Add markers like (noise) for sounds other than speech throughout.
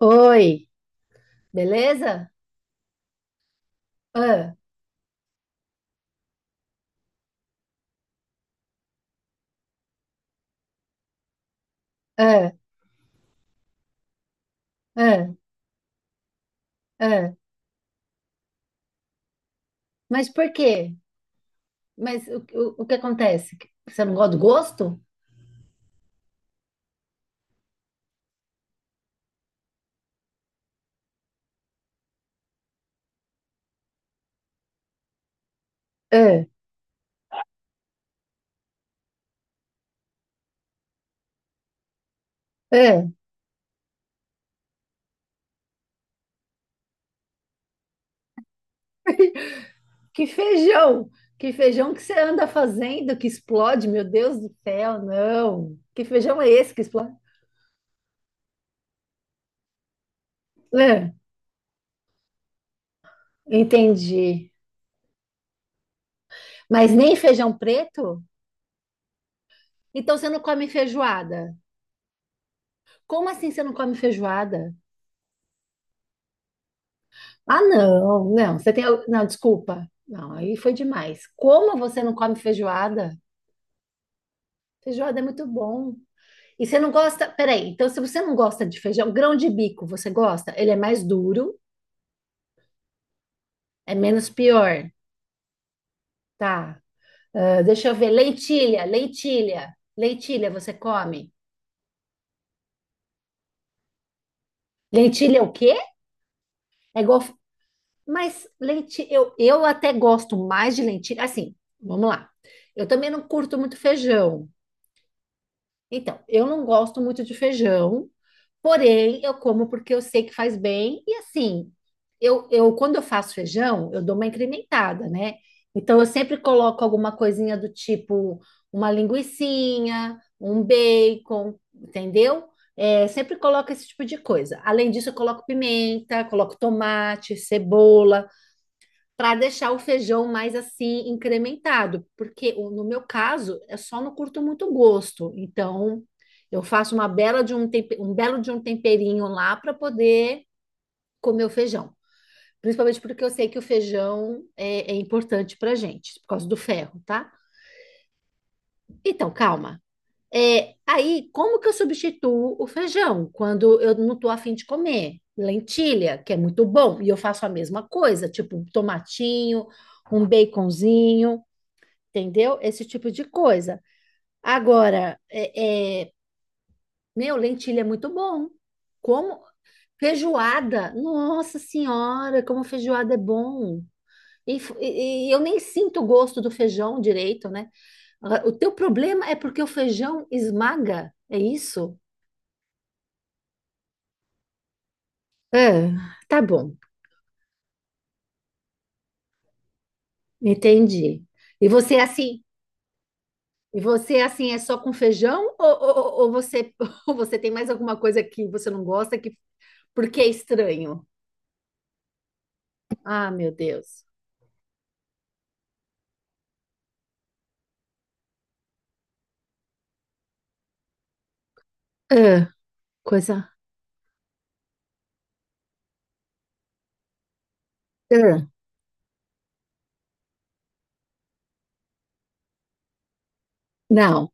Oi, beleza? Ah, ah, ah, ah. Mas por quê? Mas o que acontece? Você não gosta do gosto? Ah, ah. (laughs) Que feijão! Que feijão que você anda fazendo que explode, meu Deus do céu, não! Que feijão é esse que explode? Ah, entendi. Mas nem feijão preto? Então você não come feijoada? Como assim você não come feijoada? Ah, não, não, você tem. Não, desculpa. Não, aí foi demais. Como você não come feijoada? Feijoada é muito bom. E você não gosta. Peraí, então se você não gosta de feijão, grão de bico, você gosta? Ele é mais duro, é menos pior, tá? Ah, deixa eu ver. Lentilha, você come? Lentilha é o quê? É igual. Mas lentilha, eu até gosto mais de lentilha. Assim, vamos lá. Eu também não curto muito feijão. Então, eu não gosto muito de feijão, porém eu como porque eu sei que faz bem. E assim, eu quando eu faço feijão, eu dou uma incrementada, né? Então eu sempre coloco alguma coisinha do tipo uma linguicinha, um bacon, entendeu? É, sempre coloco esse tipo de coisa. Além disso, eu coloco pimenta, coloco tomate, cebola para deixar o feijão mais assim incrementado, porque no meu caso eu só não curto muito gosto, então eu faço uma bela de um, um belo de um temperinho lá para poder comer o feijão, principalmente porque eu sei que o feijão é importante para gente por causa do ferro, tá? Então calma. É, aí como que eu substituo o feijão quando eu não tô afim de comer? Lentilha, que é muito bom, e eu faço a mesma coisa, tipo um tomatinho, um baconzinho. Entendeu? Esse tipo de coisa. Agora, meu, lentilha é muito bom. Como feijoada, nossa senhora, como feijoada é bom. E, e eu nem sinto o gosto do feijão direito, né? Agora, o teu problema é porque o feijão esmaga, é isso? É, tá bom, entendi. E você é assim, e você é assim é só com feijão ou você (laughs) ou você tem mais alguma coisa que você não gosta que porque é estranho? Ah, meu Deus. Ah, coisa. Ah, não,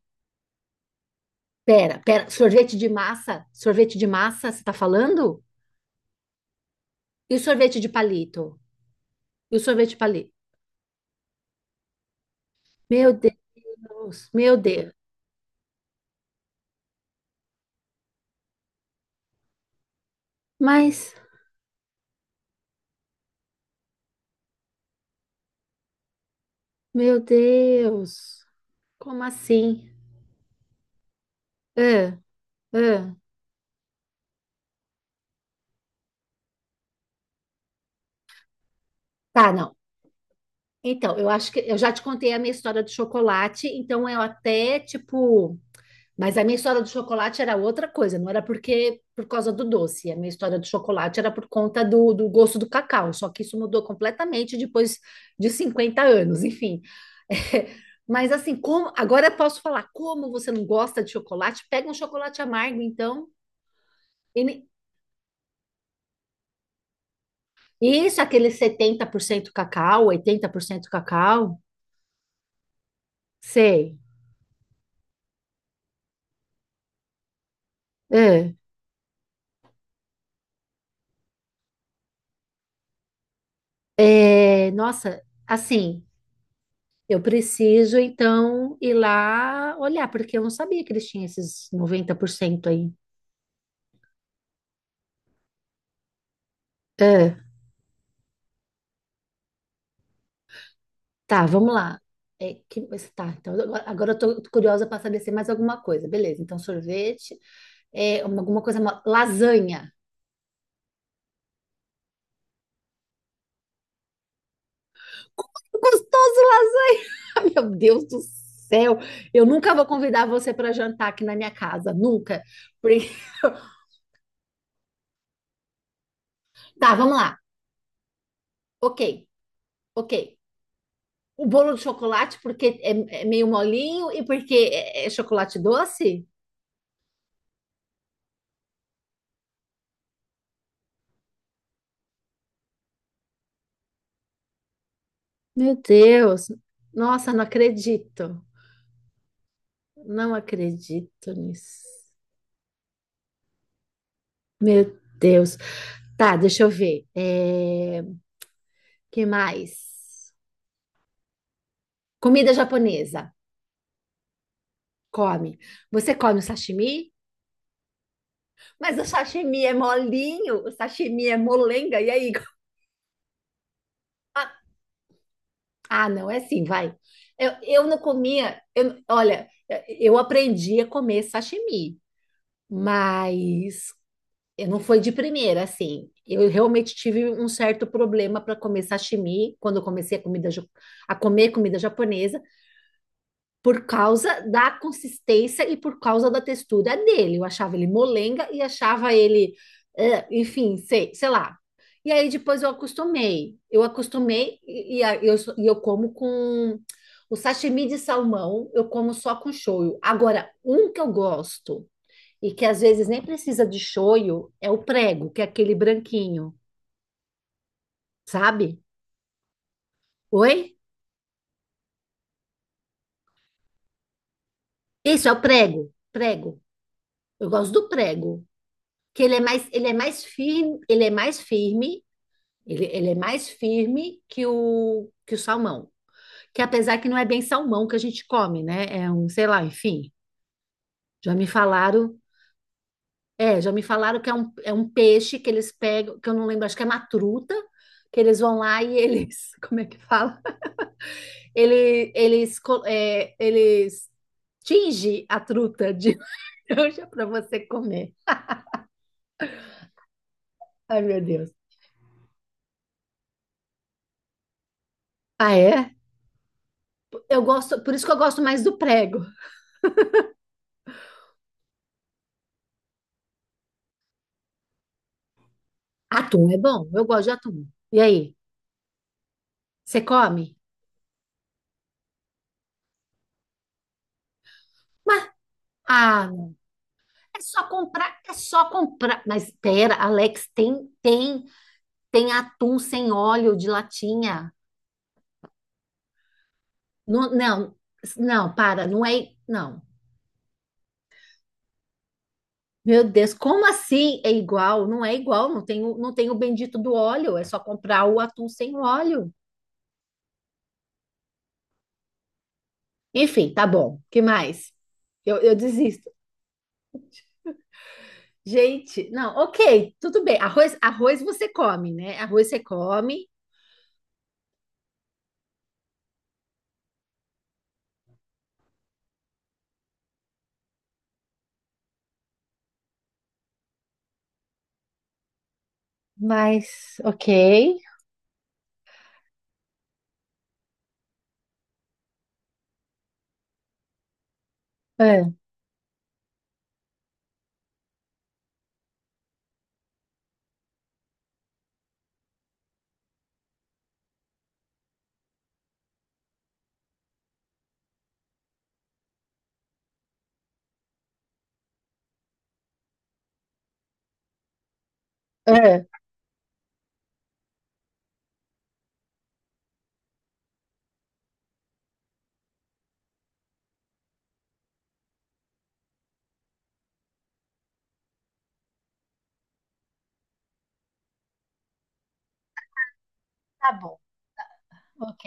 pera, pera. Sorvete de massa? Sorvete de massa, você tá falando? E o sorvete de palito? E o sorvete de palito? Meu Deus, meu Deus. Mas, meu Deus, como assim? Ah, ah. Tá, não. Então, eu acho que eu já te contei a minha história do chocolate, então eu até, tipo. Mas a minha história do chocolate era outra coisa, não era porque por causa do doce. A minha história do chocolate era por conta do, do gosto do cacau. Só que isso mudou completamente depois de 50 anos, enfim. (laughs) Mas assim, como agora eu posso falar, como você não gosta de chocolate? Pega um chocolate amargo, então. E ne- Isso, aquele 70% cacau, 80% cacau. Sei. É, é, nossa, assim, eu preciso, então, ir lá olhar, porque eu não sabia que eles tinham esses 90% aí. Ah, tá, vamos lá. É, que, mas tá, então, agora eu tô curiosa para saber se é mais alguma coisa. Beleza, então sorvete, é, alguma coisa, lasanha. Gostoso lasanha! (laughs) Ai, meu Deus do céu! Eu nunca vou convidar você para jantar aqui na minha casa, nunca. Porque- (laughs) Tá, vamos lá. Ok, ok. O bolo de chocolate porque é, é meio molinho e porque é, é chocolate doce? Meu Deus. Nossa, não acredito. Não acredito nisso. Meu Deus. Tá, deixa eu ver. É... Que mais? Comida japonesa. Come. Você come o sashimi? Mas o sashimi é molinho, o sashimi é molenga. E aí? (laughs) Ah, não, é assim, vai. Eu não comia. Olha, eu aprendi a comer sashimi. Mas eu não foi de primeira, assim. Eu realmente tive um certo problema para comer sashimi quando eu comecei a, comida, a comer comida japonesa, por causa da consistência e por causa da textura dele. Eu achava ele molenga e achava ele, enfim, sei, sei lá. E aí depois eu acostumei. Eu acostumei e, e eu como com o sashimi de salmão, eu como só com shoyu. Agora, um que eu gosto e que às vezes nem precisa de shoyu, é o prego, que é aquele branquinho, sabe? Oi? Isso é o prego, prego. Eu gosto do prego, que ele é mais firme, ele é mais firme, ele é mais firme que o salmão, que apesar que não é bem salmão que a gente come, né? É um, sei lá, enfim. Já me falaram, é, já me falaram que é um peixe que eles pegam, que eu não lembro, acho que é uma truta, que eles vão lá e eles, (laughs) como é que fala? Ele, eles, eles tinge a truta de (laughs) laranja para você comer. Ai, meu Deus. Ah, é? Eu gosto, por isso que eu gosto mais do prego. Atum é bom, eu gosto de atum. E aí, você come? Mas, ah, é só comprar. Mas pera, Alex, tem atum sem óleo de latinha. Não, não, não, para, não é, não. Meu Deus, como assim é igual? Não é igual, não tem, não tem o bendito do óleo, é só comprar o atum sem óleo. Enfim, tá bom. Que mais? Eu desisto. Gente, não, ok, tudo bem. Arroz, arroz você come, né? Arroz você come, mas ok. Ah, ah, tá bom, ok.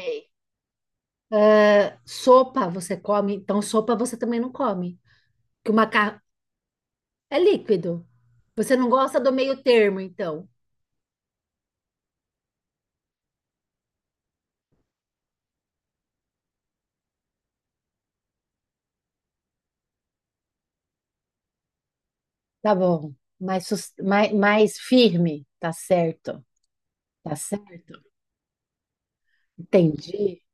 Ah, sopa você come, então sopa você também não come, que o macarrão é líquido. Você não gosta do meio termo, então. Tá bom. Mais, mais, mais firme. Tá certo. Tá certo. Entendi.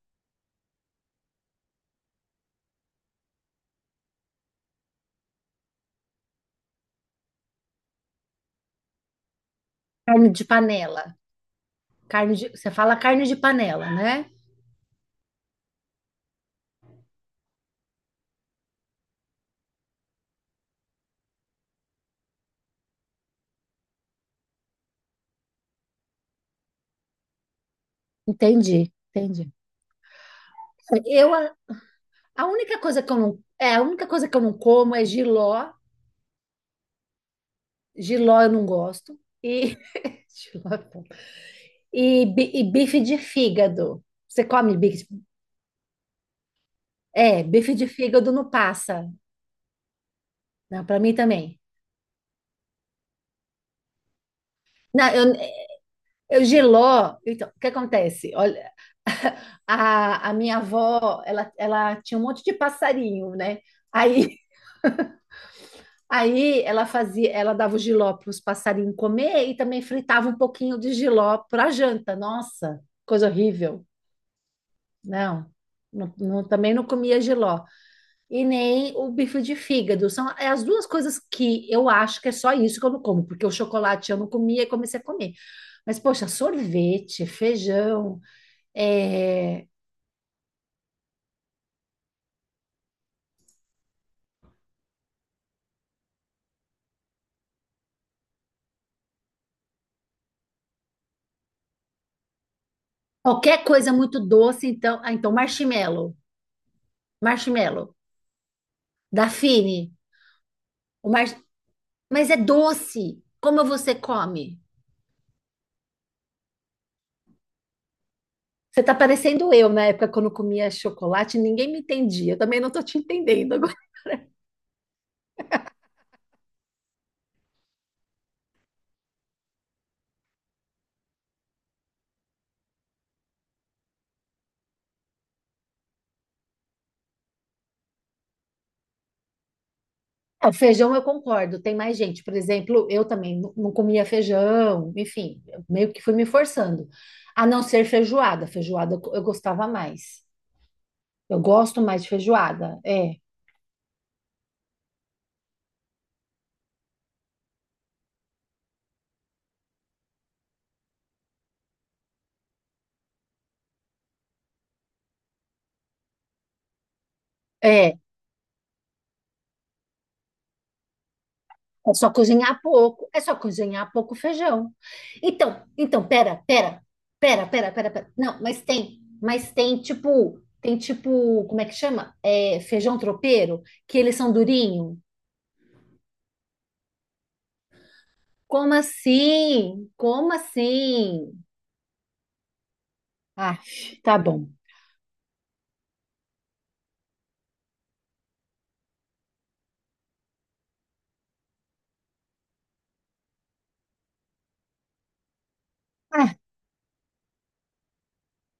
Carne de panela. Carne de, você fala carne de panela, né? Entendi. Entendi. Eu, a, a única coisa que eu não, é, a única coisa que eu não como é jiló. Jiló eu não gosto. E, (laughs) jiló é bom. E bife de fígado. Você come bife? É, bife de fígado não passa. Não, para mim também. Não, eu jiló. Então, o que acontece? Olha, a minha avó, ela tinha um monte de passarinho, né? Aí, (laughs) aí ela fazia, ela dava o jiló para os passarinhos comer e também fritava um pouquinho de jiló para janta. Nossa, coisa horrível. Não, também não comia jiló. E nem o bife de fígado. São é as duas coisas que eu acho que é só isso que eu não como, porque o chocolate eu não comia e comecei a comer. Mas, poxa, sorvete, feijão, é, qualquer coisa muito doce, então. Ah, então, marshmallow. Marshmallow. Dafine. O mar... Mas é doce. Como você come? Você tá parecendo eu na época quando eu comia chocolate, ninguém me entendia. Eu também não tô te entendendo agora. (laughs) Ah, o feijão eu concordo, tem mais gente. Por exemplo, eu também não comia feijão, enfim, eu meio que fui me forçando. A não ser feijoada. Feijoada eu gostava mais. Eu gosto mais de feijoada. É. É. É só cozinhar pouco, é só cozinhar pouco feijão. Pera, pera. Não, mas tem tipo, como é que chama? É, feijão tropeiro, que eles são durinho. Como assim? Como assim? Ah, tá bom. Ah,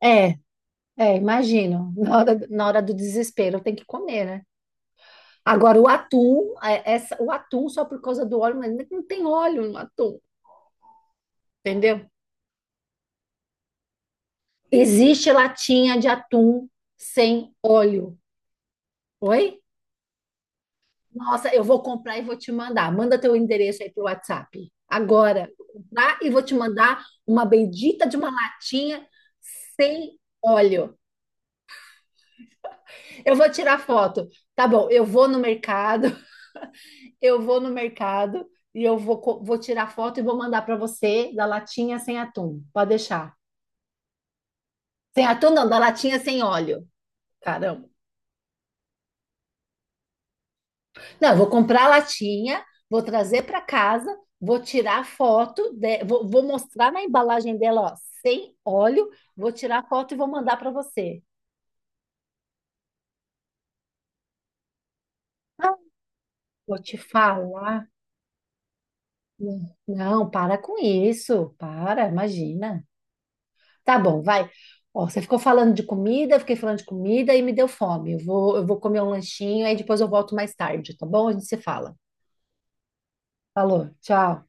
é, imagino. Na hora do desespero tem que comer, né? Agora o atum, é, essa, o atum só por causa do óleo, mas não tem óleo no atum, entendeu? Existe latinha de atum sem óleo. Oi? Nossa, eu vou comprar e vou te mandar. Manda teu endereço aí pro WhatsApp. Agora, vou comprar e vou te mandar uma bendita de uma latinha sem óleo. Eu vou tirar foto. Tá bom, eu vou no mercado, (laughs) eu vou no mercado e eu vou, vou tirar foto e vou mandar para você da latinha sem atum. Pode deixar. Sem atum não, da latinha sem óleo. Não, eu vou comprar a latinha, vou trazer para casa, vou tirar foto, vou mostrar na embalagem dela, ó, sem óleo, vou tirar foto e vou mandar para você. Ah, vou te falar. Não, não, para com isso, para, imagina. Tá bom, vai. Ó, você ficou falando de comida, eu fiquei falando de comida e me deu fome. Eu vou comer um lanchinho, aí depois eu volto mais tarde, tá bom? A gente se fala. Falou, tchau.